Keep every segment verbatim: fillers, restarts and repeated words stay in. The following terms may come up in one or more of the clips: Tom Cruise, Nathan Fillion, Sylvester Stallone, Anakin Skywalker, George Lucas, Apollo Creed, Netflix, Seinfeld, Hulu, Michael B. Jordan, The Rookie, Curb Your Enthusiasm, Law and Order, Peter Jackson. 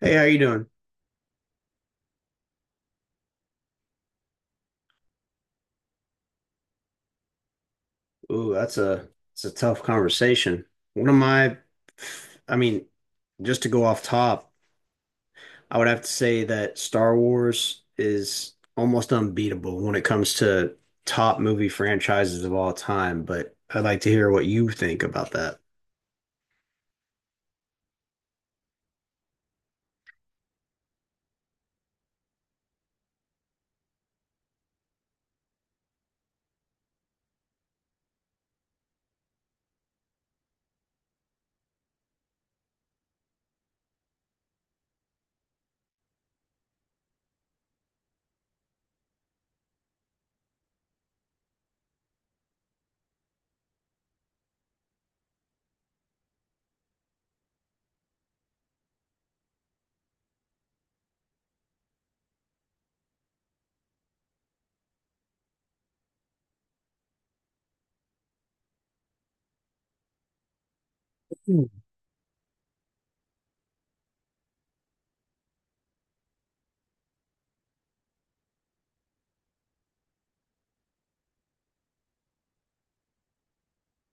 Hey, how you doing? Ooh, that's a it's a tough conversation. One of my, I mean, just to go off top, I would have to say that Star Wars is almost unbeatable when it comes to top movie franchises of all time, but I'd like to hear what you think about that.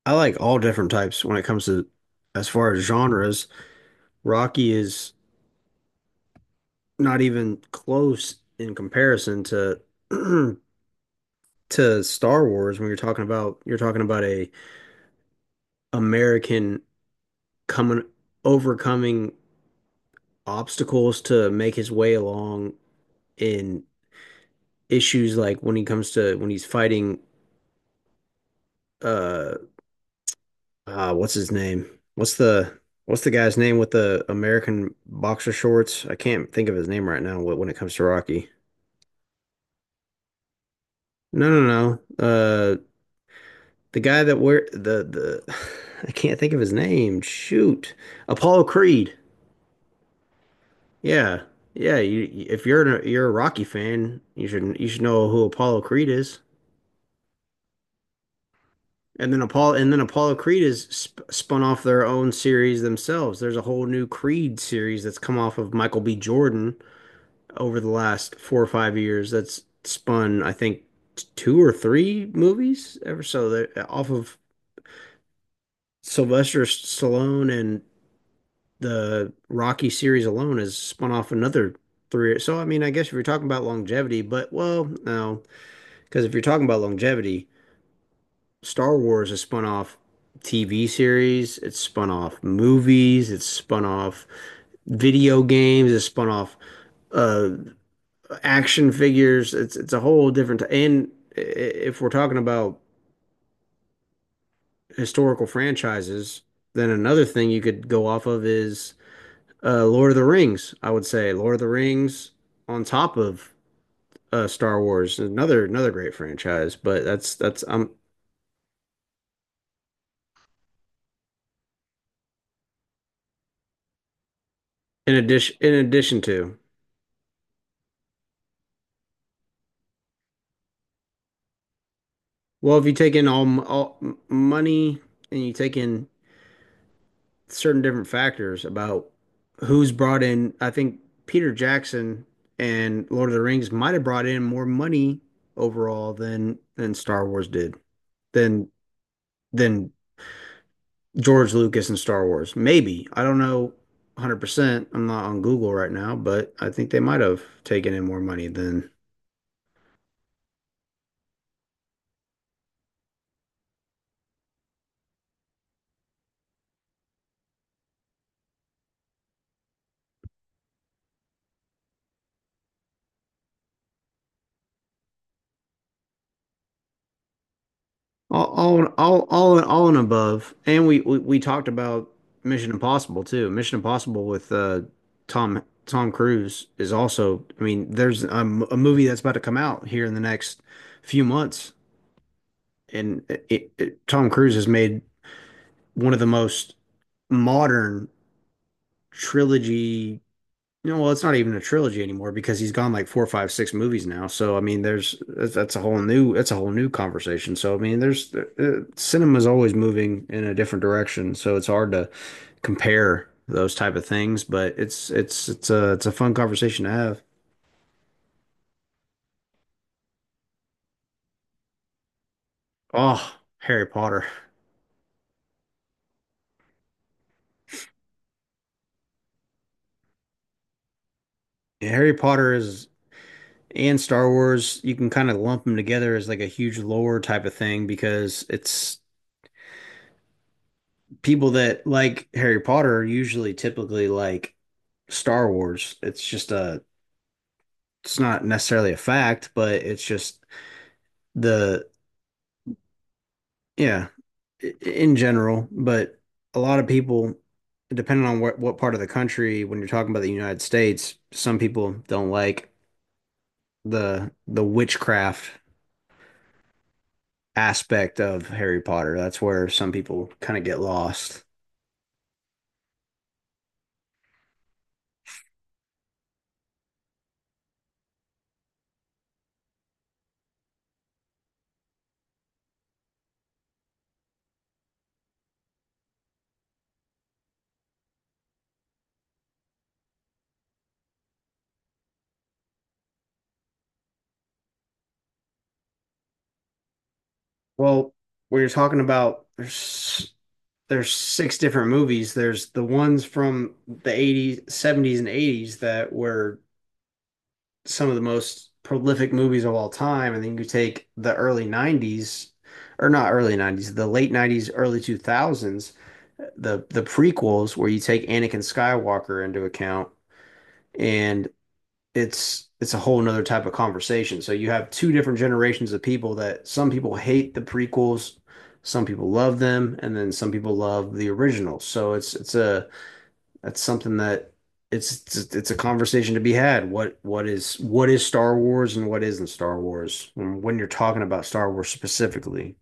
I like all different types when it comes to, as far as genres. Rocky is not even close in comparison to to Star Wars when you're talking about you're talking about a American coming overcoming obstacles to make his way along in issues like when he comes to when he's fighting uh uh what's his name? What's the what's the guy's name with the American boxer shorts? I can't think of his name right now wh- when it comes to Rocky. No, no, no. Uh the guy that wear the the I can't think of his name. Shoot. Apollo Creed. Yeah. Yeah, you you- if you're a, you're a Rocky fan, you should you should know who Apollo Creed is. And then Apollo and then Apollo Creed is sp spun off their own series themselves. There's a whole new Creed series that's come off of Michael B. Jordan over the last four or five years. That's spun, I think, t- two or three movies ever so that off of Sylvester Stallone, and the Rocky series alone has spun off another three. So, I mean, I guess if you're talking about longevity, but well, no. Because if you're talking about longevity, Star Wars has spun off T V series, it's spun off movies, it's spun off video games, it's spun off uh, action figures. It's it's a whole different. T- and if we're talking about historical franchises, then another thing you could go off of is uh, Lord of the Rings. I would say Lord of the Rings on top of uh, Star Wars, another another great franchise. But that's that's um in addition in addition to. Well, if you take in all, m- all m- money, and you take in certain different factors about who's brought in, I think Peter Jackson and Lord of the Rings might have brought in more money overall than than Star Wars did, than than George Lucas and Star Wars. Maybe. I don't know one hundred percent. I'm not on Google right now, but I think they might have taken in more money than All, all, all, all, all and above. And we, we, we talked about Mission Impossible too. Mission Impossible with uh, Tom Tom Cruise is also. I mean, there's a, m- a movie that's about to come out here in the next few months, and it, it, Tom Cruise has made one of the most modern trilogy. You know, well, it's not even a trilogy anymore because he's gone like four, five, six movies now. So, I mean, there's that's a whole new that's a whole new conversation. So, I mean, there's uh, cinema's always moving in a different direction. So it's hard to compare those type of things, but it's it's it's a it's a fun conversation to have. Oh, Harry Potter. Yeah, Harry Potter is and Star Wars, you can kind of lump them together as like a huge lore type of thing, because it's people that like Harry Potter usually typically like Star Wars. It's just a it's not necessarily a fact, but it's just the yeah, in general, but a lot of people, depending on what what part of the country, when you're talking about the United States, some people don't like the the witchcraft aspect of Harry Potter. That's where some people kind of get lost. Well, when you are talking about, there's there's six different movies. There's the ones from the eighties, seventies, and eighties that were some of the most prolific movies of all time, and then you take the early nineties, or not early nineties, the late nineties, early two thousands, the the prequels where you take Anakin Skywalker into account, and it's it's a whole nother type of conversation. So you have two different generations of people. That some people hate the prequels, some people love them, and then some people love the originals. So it's it's a that's something that it's it's it's a conversation to be had. What what is what is Star Wars, and what isn't Star Wars? And when you're talking about Star Wars specifically,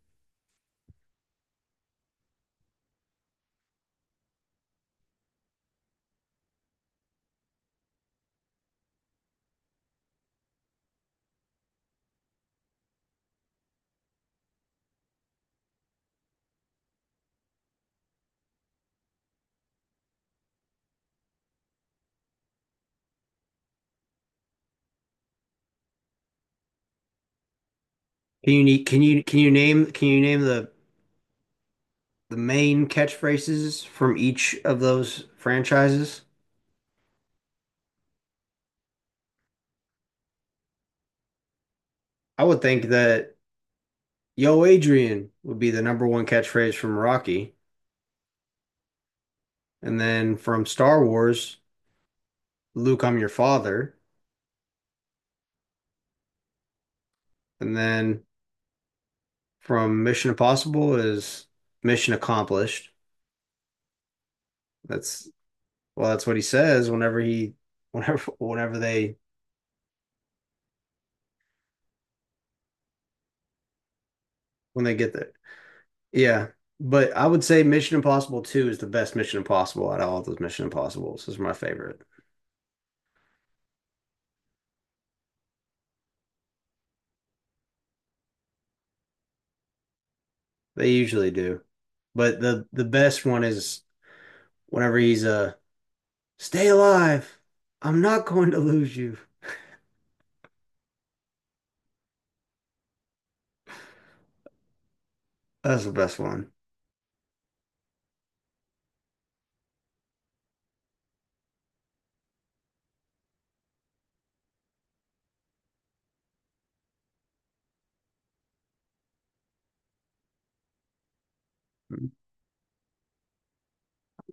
can you ne- can you can you name can you name the the main catchphrases from each of those franchises? I would think that Yo Adrian would be the number one catchphrase from Rocky, and then from Star Wars, Luke, I'm your father, and then from Mission Impossible is Mission Accomplished. That's Well, that's what he says whenever he, whenever, whenever they, when they get there. Yeah. But I would say Mission Impossible two is the best Mission Impossible out of all those Mission Impossibles. Is my favorite. They usually do. But the the best one is whenever he's uh stay alive. I'm not going to lose you. That's the best one. I don't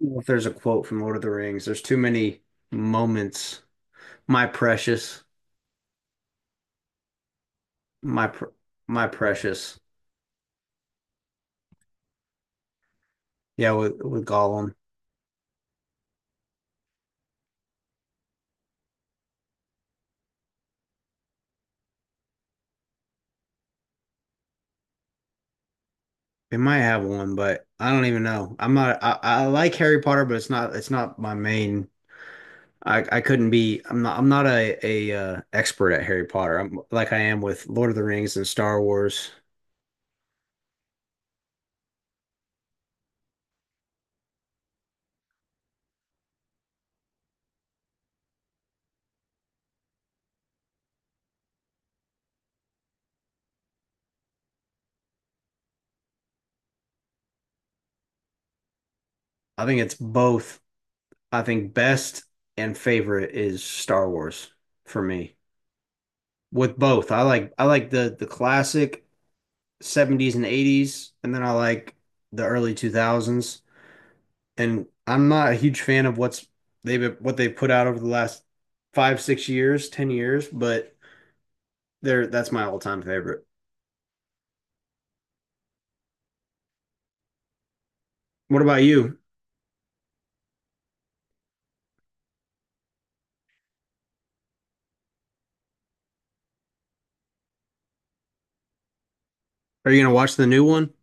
know if there's a quote from Lord of the Rings. There's too many moments. My precious, my pr my precious. Yeah, with with Gollum. It might have one, but I don't even know. I'm not. I, I like Harry Potter, but it's not. It's not my main. I, I couldn't be. I'm not. I'm not a a uh, expert at Harry Potter. I'm like I am with Lord of the Rings and Star Wars. I think it's both. I think best and favorite is Star Wars for me. With both, I like I like the the classic seventies and eighties, and then I like the early two thousands. And I'm not a huge fan of what's they've what they've put out over the last five, six years, ten years, but they're that's my all time favorite. What about you? Are you gonna watch the new one?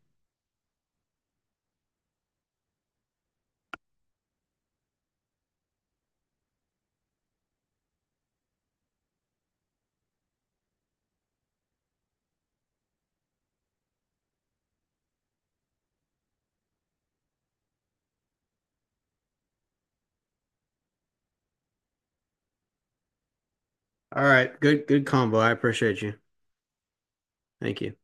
All right, good good combo. I appreciate you. Thank you.